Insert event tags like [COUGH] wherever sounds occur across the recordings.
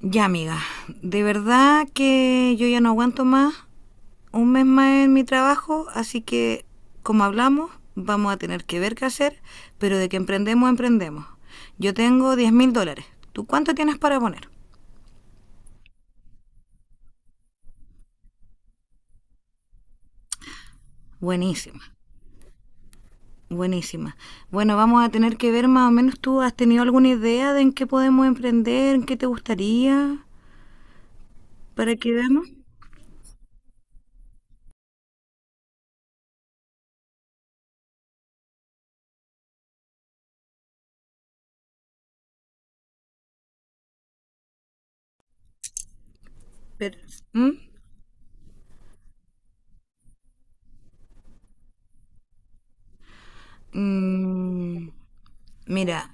Ya, amiga, de verdad que yo ya no aguanto más un mes más en mi trabajo, así que, como hablamos, vamos a tener que ver qué hacer, pero de que emprendemos, emprendemos. Yo tengo $10.000. ¿Tú cuánto tienes para poner? Buenísima, buenísima. Bueno, vamos a tener que ver más o menos tú, ¿has tenido alguna idea de en qué podemos emprender, en qué te gustaría, para que veamos? Pero, ¿mm? Mm, mira.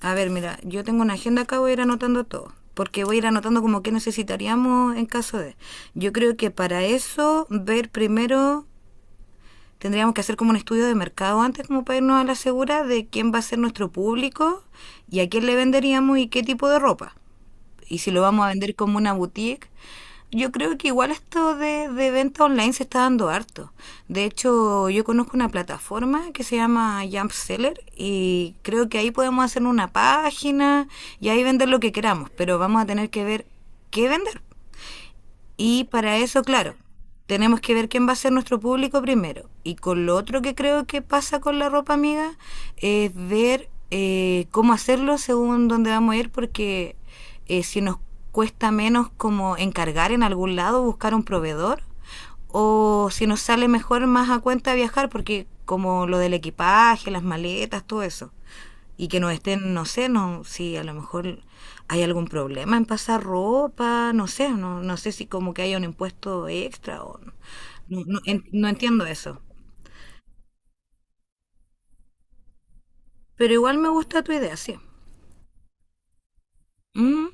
A ver, mira, yo tengo una agenda acá, voy a ir anotando todo, porque voy a ir anotando como que necesitaríamos en caso de... Yo creo que para eso, ver primero, tendríamos que hacer como un estudio de mercado antes, como para irnos a la segura de quién va a ser nuestro público y a quién le venderíamos y qué tipo de ropa, y si lo vamos a vender como una boutique, yo creo que igual esto de venta online se está dando harto. De hecho, yo conozco una plataforma que se llama Jumpseller y creo que ahí podemos hacer una página y ahí vender lo que queramos, pero vamos a tener que ver qué vender. Y para eso, claro, tenemos que ver quién va a ser nuestro público primero. Y con lo otro que creo que pasa con la ropa, amiga, es ver cómo hacerlo según dónde vamos a ir, porque si nos cuesta menos como encargar en algún lado, buscar un proveedor, o si nos sale mejor más a cuenta viajar, porque como lo del equipaje, las maletas, todo eso, y que no estén, no sé, no, si a lo mejor hay algún problema en pasar ropa, no sé, no, no sé si como que haya un impuesto extra o no, no, no, no entiendo eso. Pero igual me gusta tu idea, sí. Mm,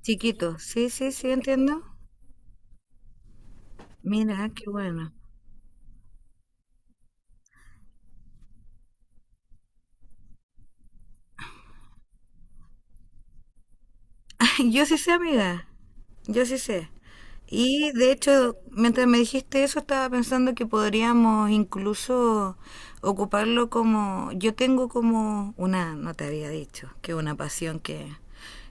chiquito, sí, sí, sí, entiendo. Mira, qué bueno. [LAUGHS] Yo sí sé, amiga. Yo sí sé. Y de hecho, mientras me dijiste eso, estaba pensando que podríamos incluso ocuparlo como... Yo tengo como una, no te había dicho, que una pasión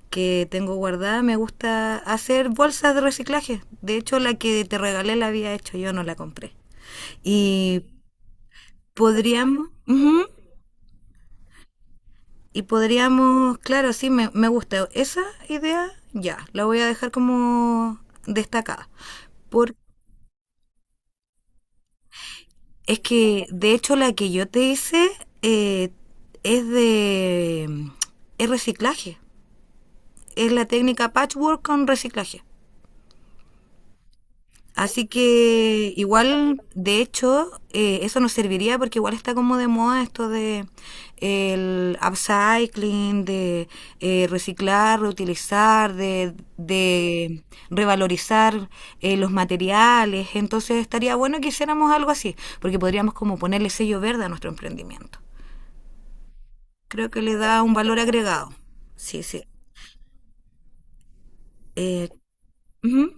que tengo guardada. Me gusta hacer bolsas de reciclaje. De hecho, la que te regalé la había hecho yo, no la compré. Y podríamos... Ujú. Y podríamos, claro, sí, me gusta esa idea, ya, la voy a dejar como destacada. Porque es que, de hecho, la que yo te hice eh, es de es reciclaje. Es la técnica patchwork con reciclaje. Así que igual, de hecho, eso nos serviría porque igual está como de moda esto de el upcycling, de reciclar, reutilizar, de revalorizar los materiales. Entonces estaría bueno que hiciéramos algo así, porque podríamos como ponerle sello verde a nuestro emprendimiento. Creo que le da un valor agregado. Sí, sí. Eh, ujú.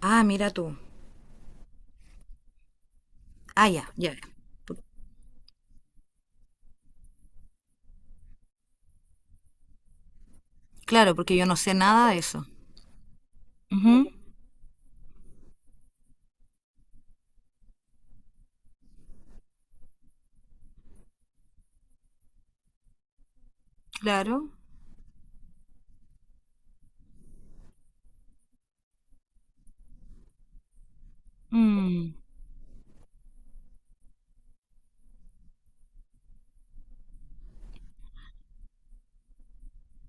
Ah, mira tú. Ah, ya, ya. Claro, porque yo no sé nada de eso. Ujú, claro. Mm.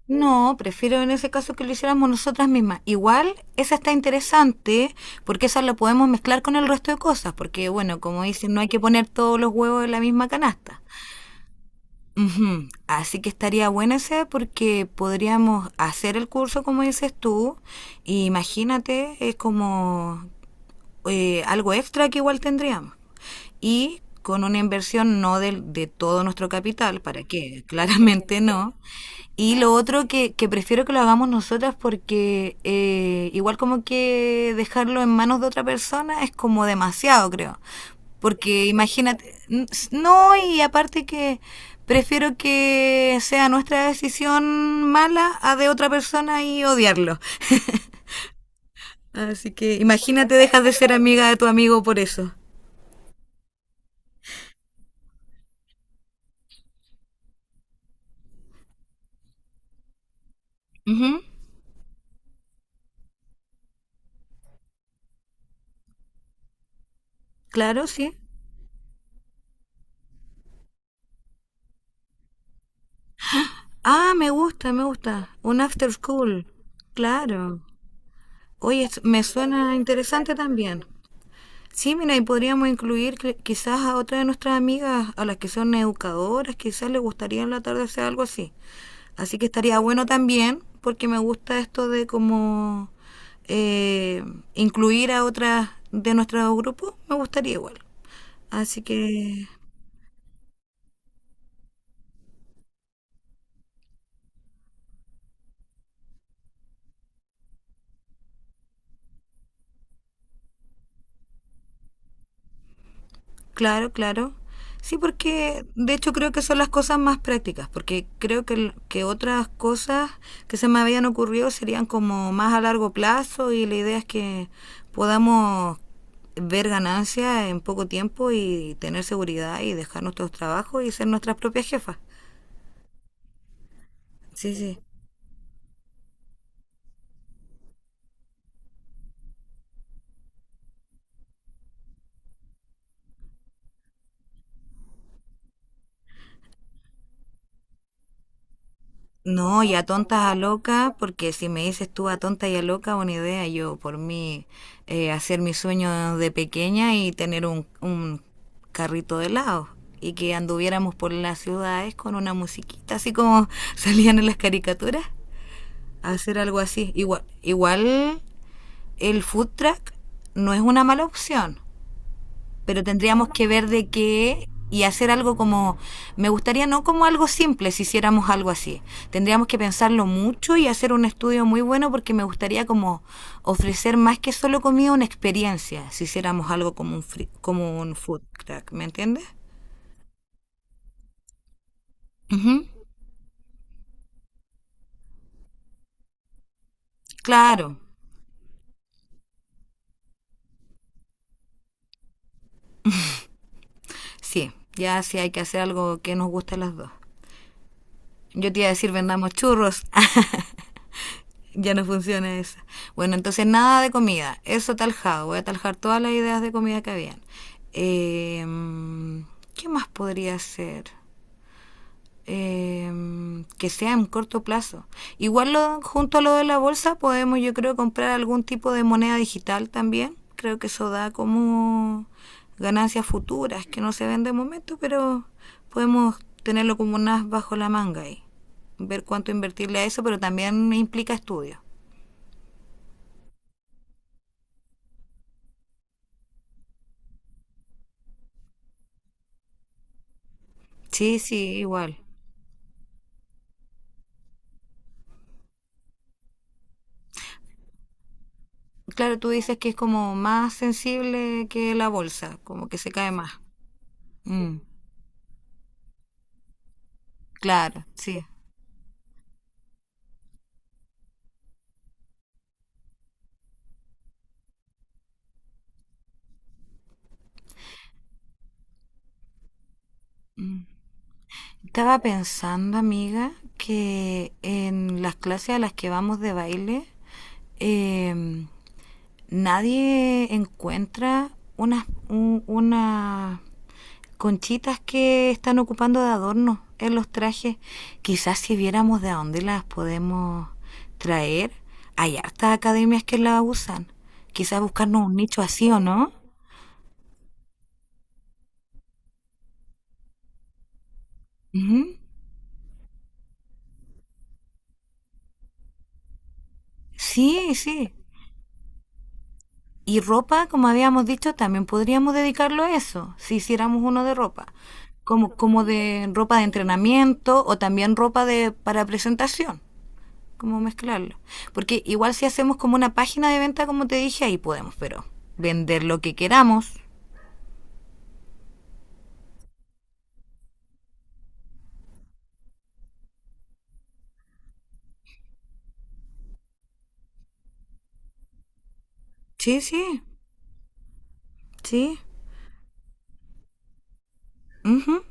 No, prefiero en ese caso que lo hiciéramos nosotras mismas. Igual, esa está interesante porque esa la podemos mezclar con el resto de cosas, porque bueno, como dicen, no hay que poner todos los huevos en la misma canasta. Ujú. Así que estaría buena esa porque podríamos hacer el curso como dices tú, y imagínate, es como algo extra que igual tendríamos. Y con una inversión no de todo nuestro capital, ¿para qué? [LAUGHS] Claramente no. Y lo otro que prefiero que lo hagamos nosotras porque igual como que dejarlo en manos de otra persona es como demasiado, creo. Porque imagínate, no, y aparte que prefiero que sea nuestra decisión mala a de otra persona y odiarlo. [LAUGHS] Así que imagínate, dejas de ser amiga de tu amigo por eso. Ujú. Claro, sí. Ah, me gusta, me gusta. Un after school. Claro. Oye, me suena interesante también. Sí, mira, y podríamos incluir quizás a otra de nuestras amigas, a las que son educadoras, quizás les gustaría en la tarde hacer algo así. Así que estaría bueno también, porque me gusta esto de como eh, incluir a otras de nuestro grupo, me gustaría igual. Así que claro, claro. Sí, porque de hecho creo que son las cosas más prácticas, porque creo que, que otras cosas que se me habían ocurrido serían como más a largo plazo y la idea es que podamos ver ganancias en poco tiempo y tener seguridad y dejar nuestros trabajos y ser nuestras propias jefas. Sí, sí. No, y a tontas a loca, porque si me dices tú a tonta y a loca, una idea, yo por mí hacer mi sueño de pequeña y tener un carrito de helado y que anduviéramos por las ciudades con una musiquita, así como [LAUGHS] salían en las caricaturas, hacer algo así. Igual, igual el food truck no es una mala opción, pero tendríamos que ver de qué y hacer algo como, me gustaría no como algo simple si hiciéramos algo así. Tendríamos que pensarlo mucho y hacer un estudio muy bueno porque me gustaría como ofrecer más que solo comida una experiencia si hiciéramos algo como un, free, como un food truck, ¿me entiendes? Uh -huh. Claro, sí, ya sí hay que hacer algo que nos guste a las dos. Yo te iba a decir vendamos churros. [LAUGHS] Ya no funciona esa. Bueno, entonces nada de comida. Eso taljado. Voy a taljar todas las ideas de comida que habían. Em, ¿qué más podría ser? Em, que sea en corto plazo. Igual junto a lo de la bolsa podemos, yo creo, comprar algún tipo de moneda digital también. Creo que eso da como ganancias futuras que no se ven de momento, pero podemos tenerlo como unas bajo la manga y ver cuánto invertirle a eso, pero también implica estudios. Sí, sí, igual. Claro, tú dices que es como más sensible que la bolsa, como que se cae más. Mm, claro, sí. Estaba pensando, amiga, que en las clases a las que vamos de baile, em, nadie encuentra unas conchitas que están ocupando de adorno en los trajes. Quizás si viéramos de dónde las podemos traer, hay hartas academias que las usan. Quizás buscarnos un nicho así o no. Ujú. Sí, sí. Y ropa, como habíamos dicho, también podríamos dedicarlo a eso, si hiciéramos uno de ropa, como, como de ropa de entrenamiento o también ropa de, para presentación, como mezclarlo. Porque igual si hacemos como una página de venta, como te dije, ahí podemos, pero vender lo que queramos. Sí, sí, sí. Ujú.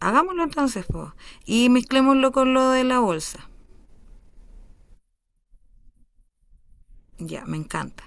Hagámoslo entonces, po. Y mezclémoslo con lo de la bolsa. Ya, me encanta.